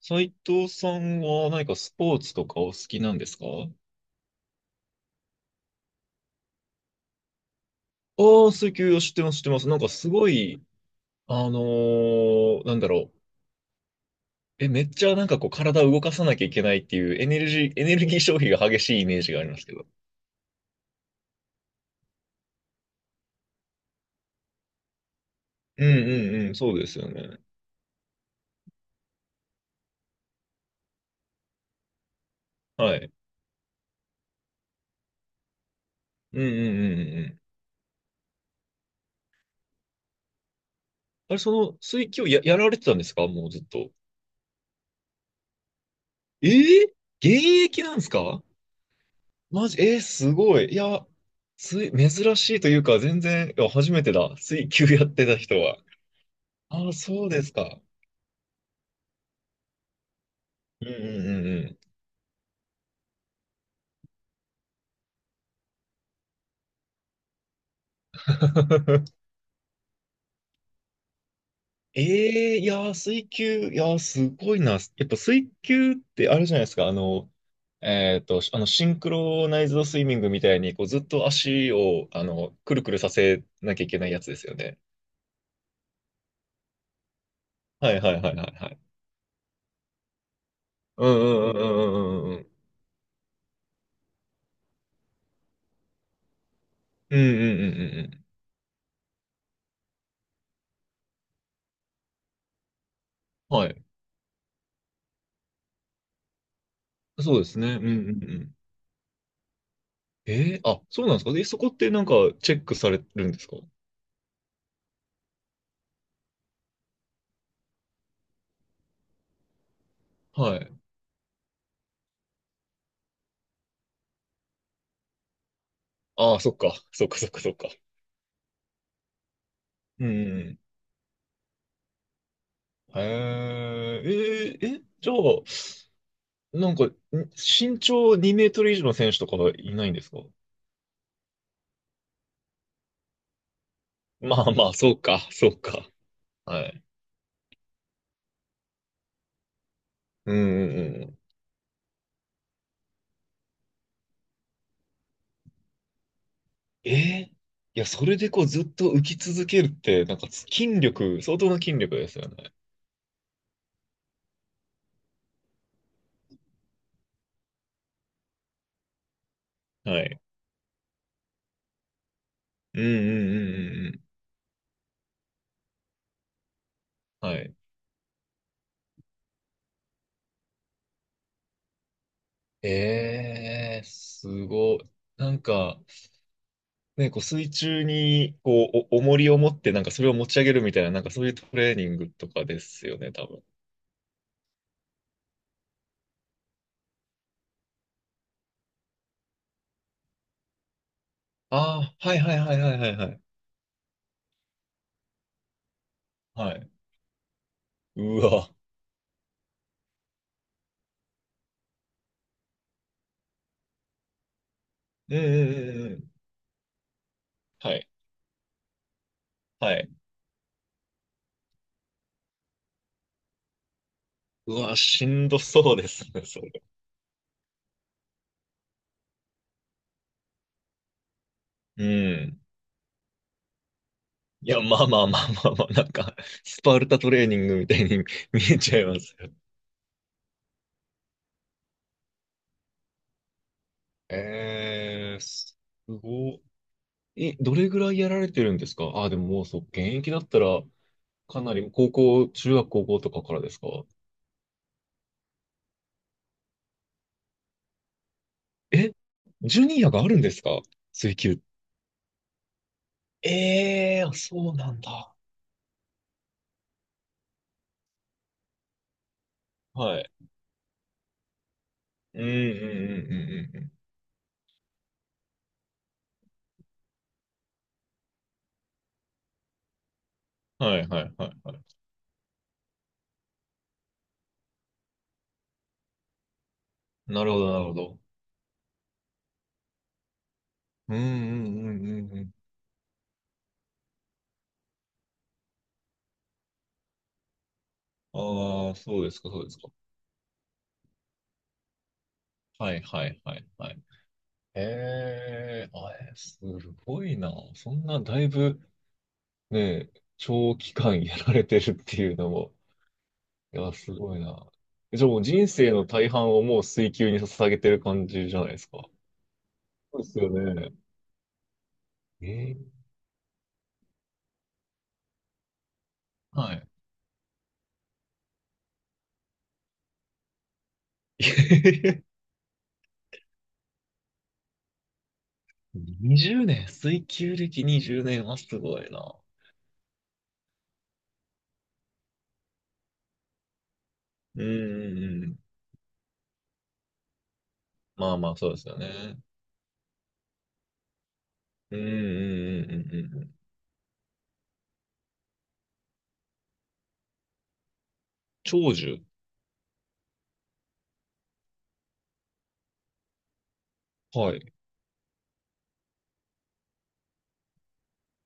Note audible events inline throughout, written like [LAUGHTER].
斉藤さんは何かスポーツとかお好きなんですか？ああ、水球を知ってます、知ってます。なんかすごい、あのなんだろう。え、めっちゃなんかこう体を動かさなきゃいけないっていうエネルギー消費が激しいイメージがありますけど。うんうんうん、そうですよね。はい。うんうんうんうんうん。あれ、その水球やられてたんですかもうずっと？えー、現役なんですか？マジ、えー、すごい。いや、珍しいというか、全然、いや初めてだ。水球やってた人は。ああ、そうですか。うんうんうんうん。[LAUGHS] ええ、いやー、水球、いやー、すごいな。やっぱ水球ってあれじゃないですか。シンクロナイズドスイミングみたいに、こう、ずっと足を、くるくるさせなきゃいけないやつですよね。はいはいはいはいはい。うんうんうんうんうんうんうん。うんうんうんうんうん。はい。そうですね。うんうんうん。ええあ、そうなんですか。で、そこってなんか、チェックされるんですか？はい。ああ、そっか。そっかそっかそっか。うんうん。へえ、えー、え、じゃあ、なんか、身長2メートル以上の選手とかはいないんですか？まあまあ、そうか、そうか。はい。うんうんうん。えー、いや、それでこうずっと浮き続けるって、なんか筋力、相当な筋力ですよね。はい。うんうんうんうんうん。はい。えー、すごい。なんか、ね、こう水中にこうお重りを持って、なんかそれを持ち上げるみたいな、なんかそういうトレーニングとかですよね、多ああ、はいはいはいはいはいはい。はい。うわ。ええええええ、はい。はい。うわ、しんどそうですね、それ。うん。いや、まあまあまあまあまあ、なんか、スパルタトレーニングみたいに [LAUGHS] 見えちゃいますよ。えー、すごい。え、どれぐらいやられてるんですか？あ、でも、もうそう、現役だったら、かなり高校、中学高校とかからですか？え、ジュニアがあるんですか？水球。ええー、そうなんだ。はい。うんうんうんうんうんうん。はいはいはいはい。なるほどなるほど。うんうんうんうんうん。ああ、そうですかそうですか。はいはいはいはい。へえ、あれ、すごいな。そんなだいぶね、長期間やられてるっていうのも、いや、すごいな。じゃあもう人生の大半をもう水球に捧げてる感じじゃないですか。そうですよね。ええ、はい。[LAUGHS] 20年、水球歴20年はすごいな。うんうんうん。まあまあ、そうですよね。うんうんうんうんうんうん。長寿。はい。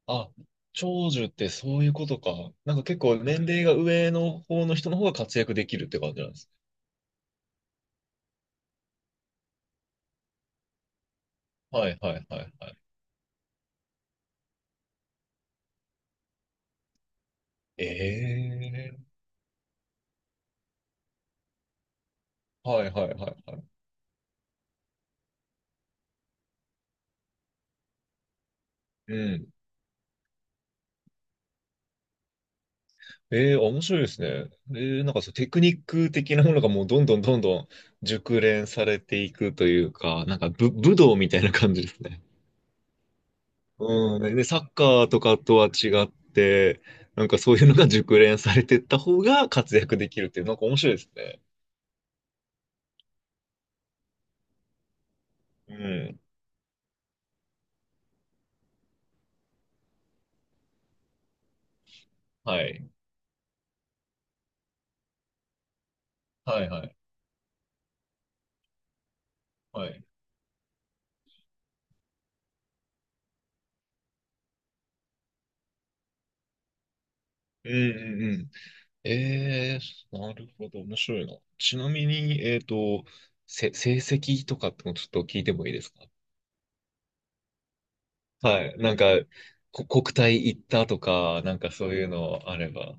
あ、長寿ってそういうことか。なんか結構年齢が上の方の人の方が活躍できるって感じなんです。はいはいはいはい。ええー。はいはいはいはい。うん。ええー、面白いですね。ええー、なんかそう、テクニック的なものがもうどんどんどんどん熟練されていくというか、なんか武道みたいな感じですね。うん。で、サッカーとかとは違って、なんかそういうのが熟練されてった方が活躍できるっていう、なんか面白いですね。うん。はい。はいはい。はい。うんうんうん。えー、なるほど。面白いな。ちなみに、成績とかってもちょっと聞いてもいいですか？はい。なんか、国体行ったとか、なんかそういうのあれば。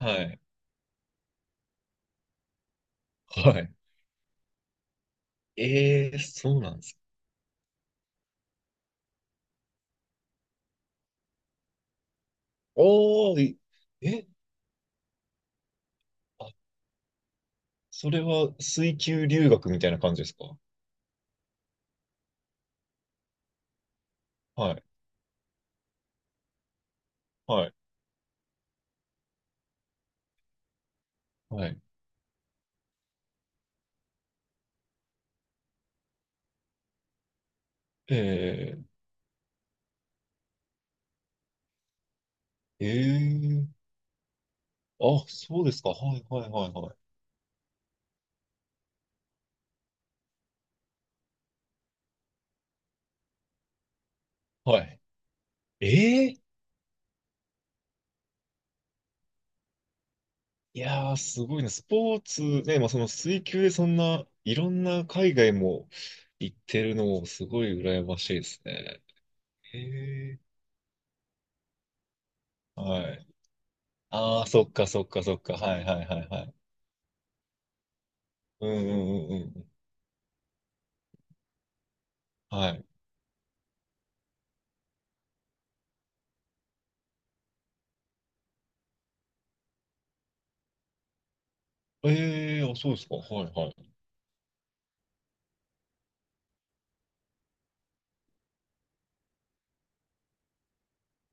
はい。はい。えー、そうなんですか。おーい、え、あ、それは水球留学みたいな感じですか？はい、はい、はい。えー、えー、あ、そうですか。はい、はい、はい、はい。はい。えー、いやー、すごいね。スポーツ、ね、まあ、その水球でそんな、いろんな海外も行ってるのもすごい羨ましいですね。えー、はい。ああそっか、そっか、そっか。はい、はい、はい、はい。うん、うん、うん、うん。はい。ええー、あ、そうですか。はい、はい。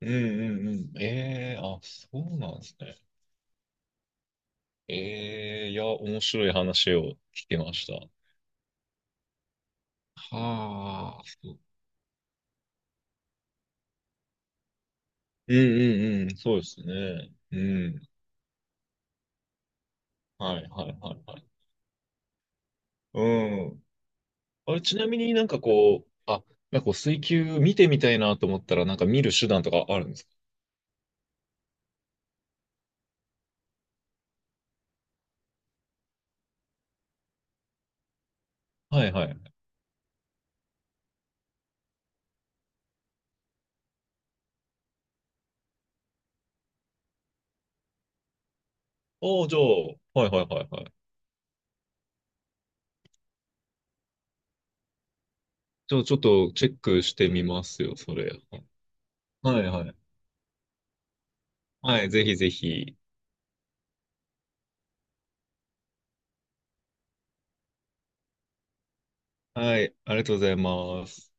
うん、うん、うん。ええー、あ、そうなんですね。ええ、いや、面白い話を聞きました。はあ。そう。うんうんうん、そうですね。うん。はいはいはいはい。うん。あれ、ちなみになんかこう、水球見てみたいなと思ったら、なんか見る手段とかあるんですか？はいはい。おー、じゃあ、はいはいはいはい。じゃあ、ちょっとチェックしてみますよ、それ。はいはい。はい、ぜひぜひ。はい、ありがとうございます。